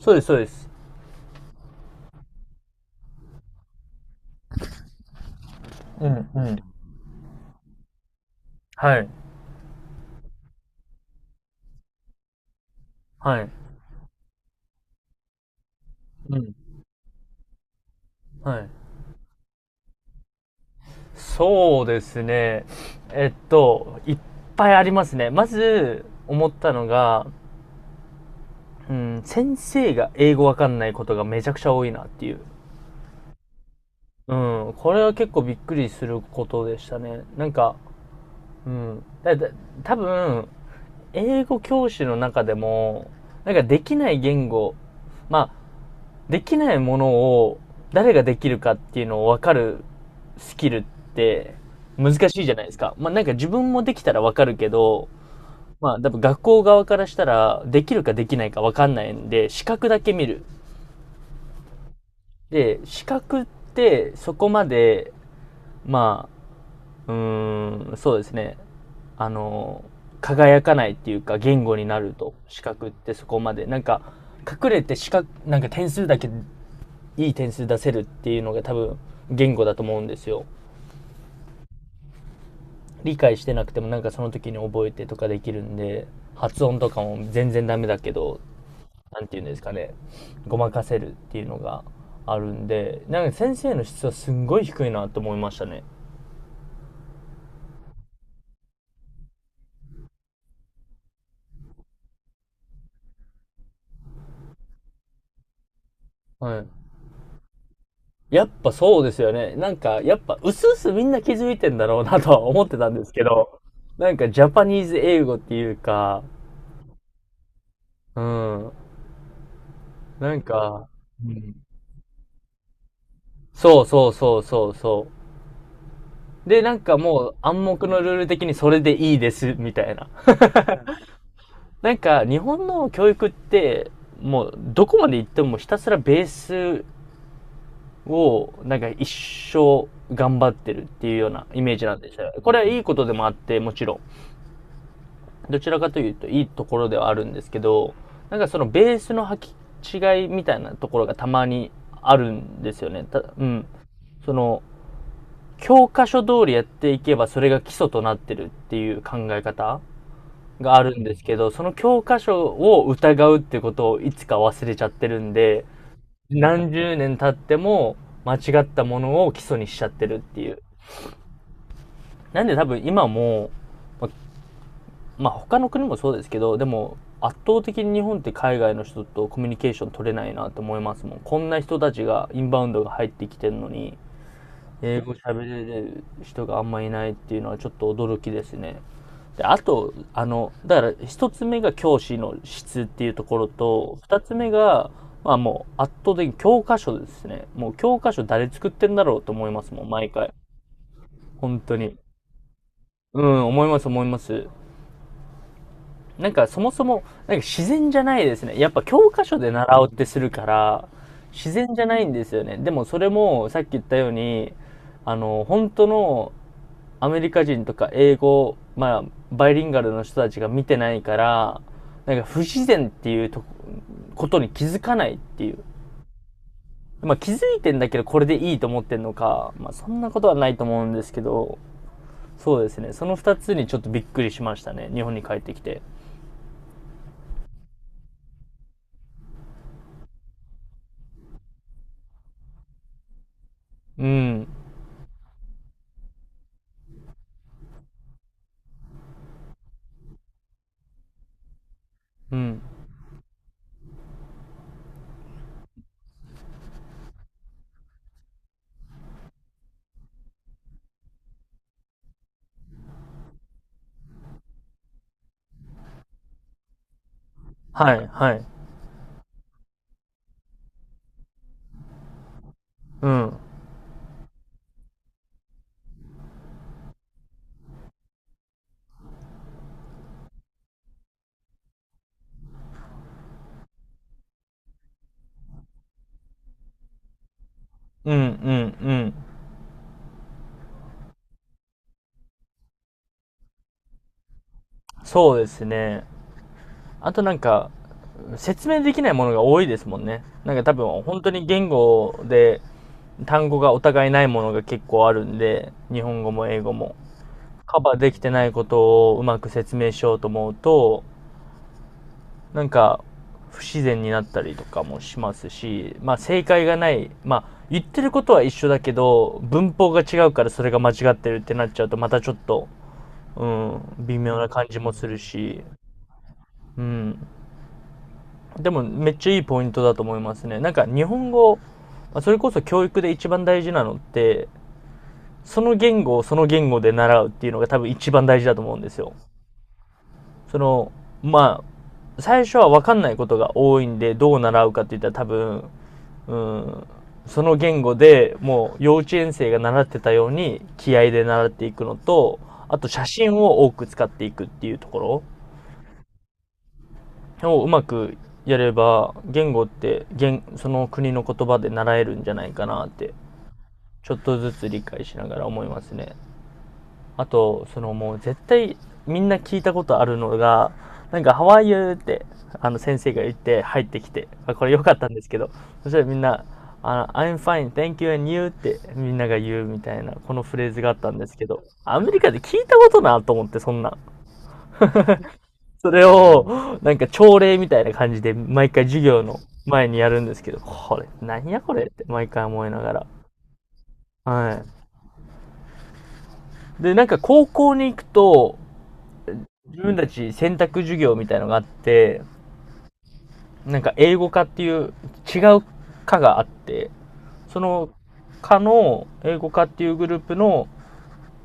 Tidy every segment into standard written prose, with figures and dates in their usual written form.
そうです、そうです。うんうん。はい。はい。うん。はい。そうですね。いっぱいありますね。まず、思ったのが、うん、先生が英語わかんないことがめちゃくちゃ多いなっていう。うん、これは結構びっくりすることでしたね。なんか、うん。多分、英語教師の中でも、なんかできない言語、まあ、できないものを誰ができるかっていうのを分かるスキルって難しいじゃないですか。まあなんか自分もできたら分かるけど、まあ多分学校側からしたらできるかできないか分かんないんで、資格だけ見る。で、資格ってそこまで、まあ、そうですね。あの、輝かないっていうか言語になると、資格ってそこまで。なんか、隠れて資格、なんか点数だけいい点数出せるっていうのが多分言語だと思うんですよ。理解してなくてもなんかその時に覚えてとかできるんで、発音とかも全然ダメだけど、なんて言うんですかね、ごまかせるっていうのがあるんで、なんか先生の質はすんごい低いなと思いましたね。はい。やっぱそうですよね。なんかやっぱうすうすみんな気づいてんだろうなとは思ってたんですけど、なんかジャパニーズ英語っていうか。うん。なんか、そうそうそうそうそう。で、なんかもう暗黙のルール的にそれでいいです、みたいな。なんか日本の教育って、もうどこまで行ってもひたすらベースをなんか一生頑張ってるっていうようなイメージなんですよ。これはいいことでもあって、もちろん。どちらかというといいところではあるんですけど、なんかそのベースの履き違いみたいなところがたまにあるんですよね。たうん。その、教科書通りやっていけばそれが基礎となってるっていう考え方があるんですけど、その教科書を疑うっていうことをいつか忘れちゃってるんで、何十年経っても間違ったものを基礎にしちゃってるっていう。なんで多分今も、ままあ他の国もそうですけど、でも圧倒的に日本って海外の人とコミュニケーション取れないなと思いますもん。こんな人たちがインバウンドが入ってきてるのに、英語喋れる人があんまいないっていうのはちょっと驚きですね。であと、だから一つ目が教師の質っていうところと、二つ目が、まあもう圧倒的に教科書ですね。もう教科書誰作ってんだろうと思いますもん、毎回。本当に。うん、思います思います。なんかそもそも、なんか自然じゃないですね。やっぱ教科書で習おうってするから、自然じゃないんですよね。でもそれもさっき言ったように、本当のアメリカ人とか英語、まあ、バイリンガルの人たちが見てないから、なんか不自然っていうとことに気づかないっていう。まあ気づいてんだけどこれでいいと思ってんのか、まあそんなことはないと思うんですけど、そうですね。その二つにちょっとびっくりしましたね。日本に帰ってきて。うん。うん。はい、はい。うん。うん、うん、うん。そうですね。あとなんか、説明できないものが多いですもんね。なんか多分、本当に言語で単語がお互いないものが結構あるんで、日本語も英語も。カバーできてないことをうまく説明しようと思うと、なんか、不自然になったりとかもしますし、まあ正解がない、まあ言ってることは一緒だけど、文法が違うからそれが間違ってるってなっちゃうとまたちょっと、うん、微妙な感じもするし、うん。でもめっちゃいいポイントだと思いますね。なんか日本語、それこそ教育で一番大事なのって、その言語をその言語で習うっていうのが多分一番大事だと思うんですよ。その、まあ、最初は分かんないことが多いんで、どう習うかって言ったら多分、うん、その言語でもう幼稚園生が習ってたように気合で習っていくのと、あと写真を多く使っていくっていうところ。をうまくやれば言語って言その国の言葉で習えるんじゃないかなって、ちょっとずつ理解しながら思いますね。あとそのもう絶対みんな聞いたことあるのが、なんか「ハワイ o u」 って先生が言って入ってきて、あ、これ良かったんですけど、そしたらみんな「あ I'm fine thank you and you」ってみんなが言うみたいな、このフレーズがあったんですけど、アメリカで聞いたことなと思って。そんなそれを、なんか朝礼みたいな感じで、毎回授業の前にやるんですけど、これ、何やこれって毎回思いながら。はい。で、なんか高校に行くと、自分たち選択授業みたいのがあって、なんか英語科っていう違う科があって、その科の英語科っていうグループの、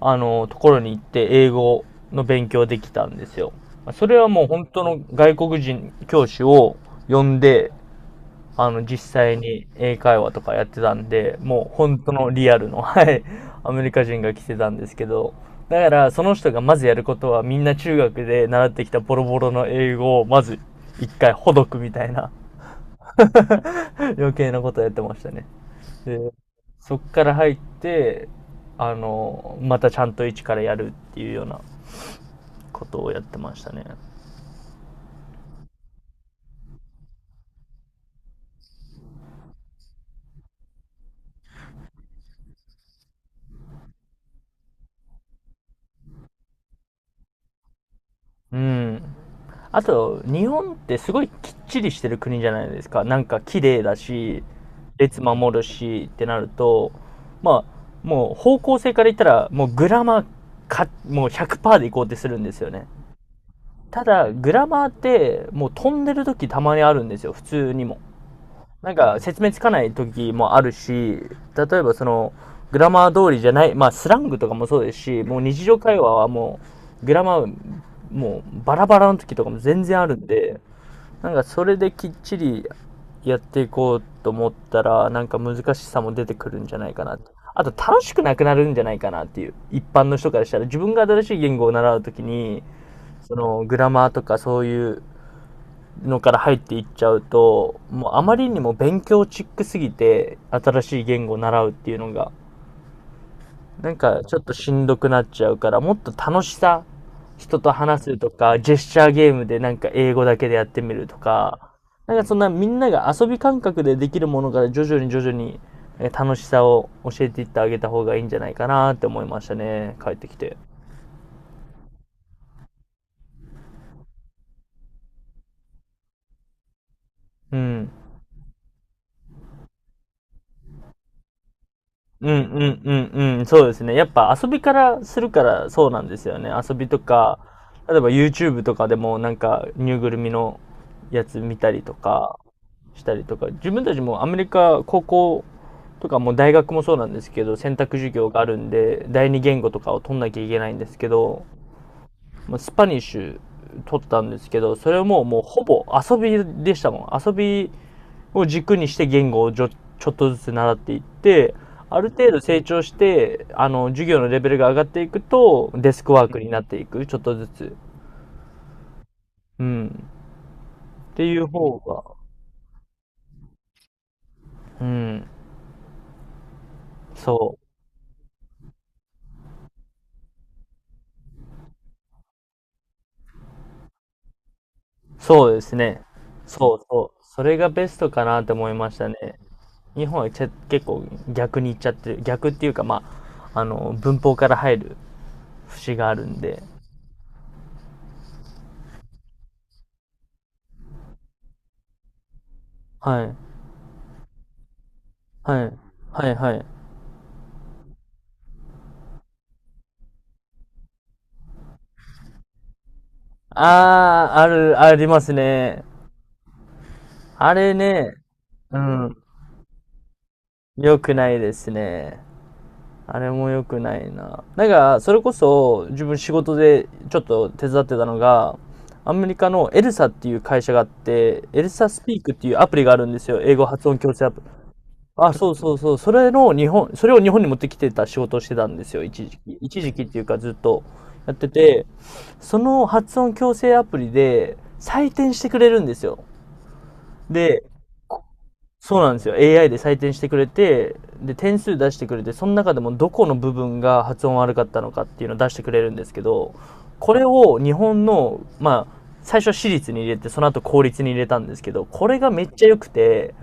ところに行って英語の勉強できたんですよ。それはもう本当の外国人教師を呼んで、実際に英会話とかやってたんで、もう本当のリアルの、はい、アメリカ人が来てたんですけど、だからその人がまずやることはみんな中学で習ってきたボロボロの英語をまず一回ほどくみたいな。 余計なことやってましたね。で、そっから入って、またちゃんと一からやるっていうようなことをやってましたね。うん。あと、日本ってすごいきっちりしてる国じゃないですか。なんか綺麗だし、列守るしってなると、まあ、もう方向性から言ったら、もうグラマーか、もう100%でいこうってするんですよね。ただ、グラマーって、もう飛んでる時たまにあるんですよ、普通にも。なんか説明つかない時もあるし、例えばその、グラマー通りじゃない、まあスラングとかもそうですし、もう日常会話はもう、グラマー、もうバラバラの時とかも全然あるんで、なんかそれできっちりやっていこうと思ったら、なんか難しさも出てくるんじゃないかなと。あと楽しくなくなるんじゃないかなっていう。一般の人からしたら、自分が新しい言語を習うときに、そのグラマーとかそういうのから入っていっちゃうと、もうあまりにも勉強チックすぎて、新しい言語を習うっていうのが、なんかちょっとしんどくなっちゃうから、もっと楽しさ、人と話すとか、ジェスチャーゲームでなんか英語だけでやってみるとか、なんかそんなみんなが遊び感覚でできるものから徐々に徐々に楽しさを教えていってあげた方がいいんじゃないかなって思いましたね、帰ってきて。うん。うんうんうんうん、そうですね。やっぱ遊びからするからそうなんですよね。遊びとか、例えば YouTube とかでもなんかぬいぐるみのやつ見たりとか、したりとか、自分たちもアメリカ、高校とかもう大学もそうなんですけど、選択授業があるんで第二言語とかを取んなきゃいけないんですけど、まあスパニッシュ取ったんですけど、それはもうほぼ遊びでしたもん。遊びを軸にして言語をちょっとずつ習っていって、ある程度成長してあの授業のレベルが上がっていくとデスクワークになっていく、ちょっとずつ、うん、っていう方が、うん、そうそうですね。そうそう。それがベストかなって思いましたね。日本は結構逆にいっちゃってる。逆っていうか、まあ、文法から入る節があるんで。はい。はい。はい、はい。ああ、ある、ありますね。あれね、うん、良くないですね。あれも良くないな。だから、それこそ自分仕事でちょっと手伝ってたのが、アメリカのエルサっていう会社があって、エルサスピークっていうアプリがあるんですよ。英語発音矯正アプリ。あ、そうそうそう。それの日本、それを日本に持ってきてた仕事をしてたんですよ。一時期。一時期っていうかずっとやってて、その発音矯正アプリで採点してくれるんですよ。で、そうなんですよ。AI で採点してくれて、で、点数出してくれて、その中でもどこの部分が発音悪かったのかっていうのを出してくれるんですけど、これを日本の、まあ、最初は私立に入れて、その後公立に入れたんですけど、これがめっちゃ良くて、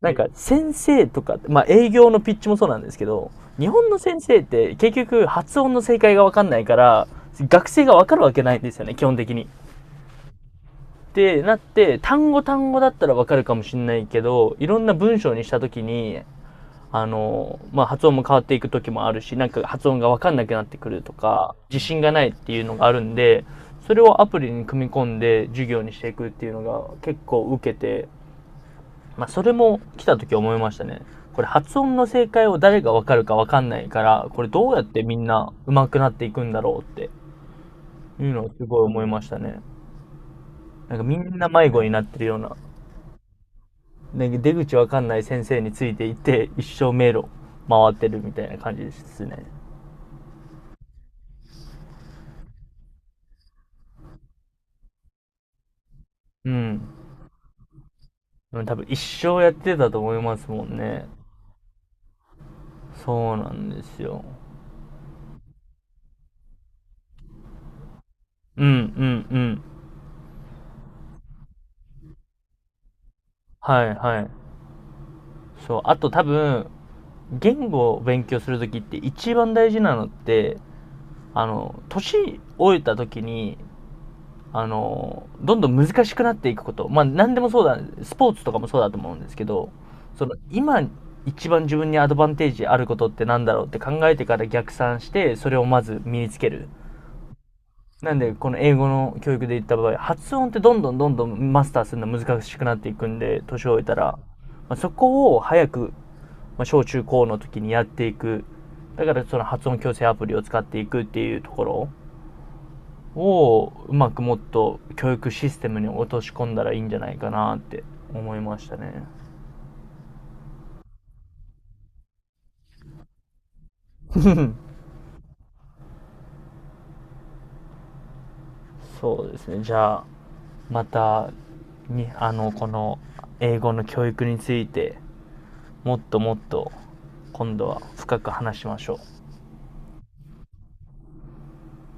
なんか先生とか、まあ営業のピッチもそうなんですけど、日本の先生って結局発音の正解がわかんないから、学生がわかるわけないんですよね、基本的に。ってなって、単語単語だったらわかるかもしれないけど、いろんな文章にしたときに、まあ、発音も変わっていく時もあるし、なんか発音がわかんなくなってくるとか、自信がないっていうのがあるんで、それをアプリに組み込んで授業にしていくっていうのが結構受けて、まあ、それも来た時思いましたね。これ発音の正解を誰がわかるかわかんないから、これどうやってみんな上手くなっていくんだろうっていうのをすごい思いましたね。なんかみんな迷子になってるような、なんか出口わかんない先生についていって、一生迷路回ってるみたいな感じですね。うん。多分一生やってたと思いますもんね。そうなんですよ。うんうんうん。はいはい。そう。あと多分、言語を勉強するときって一番大事なのって、年老いたときに、どんどん難しくなっていくこと。まあ何でもそうだ、スポーツとかもそうだと思うんですけど、その今一番自分にアドバンテージあることってなんだろうって考えてから逆算して、それをまず身につける。なんで、この英語の教育で言った場合、発音ってどんどんどんどんマスターするの難しくなっていくんで、年を置いたら、まあ、そこを早く、まあ、小中高の時にやっていく。だからその発音矯正アプリを使っていくっていうところを、うまくもっと教育システムに落とし込んだらいいんじゃないかなって思いましたね。そうですね。じゃあ、また、に、あの、この英語の教育についてもっともっと今度は深く話しましょう。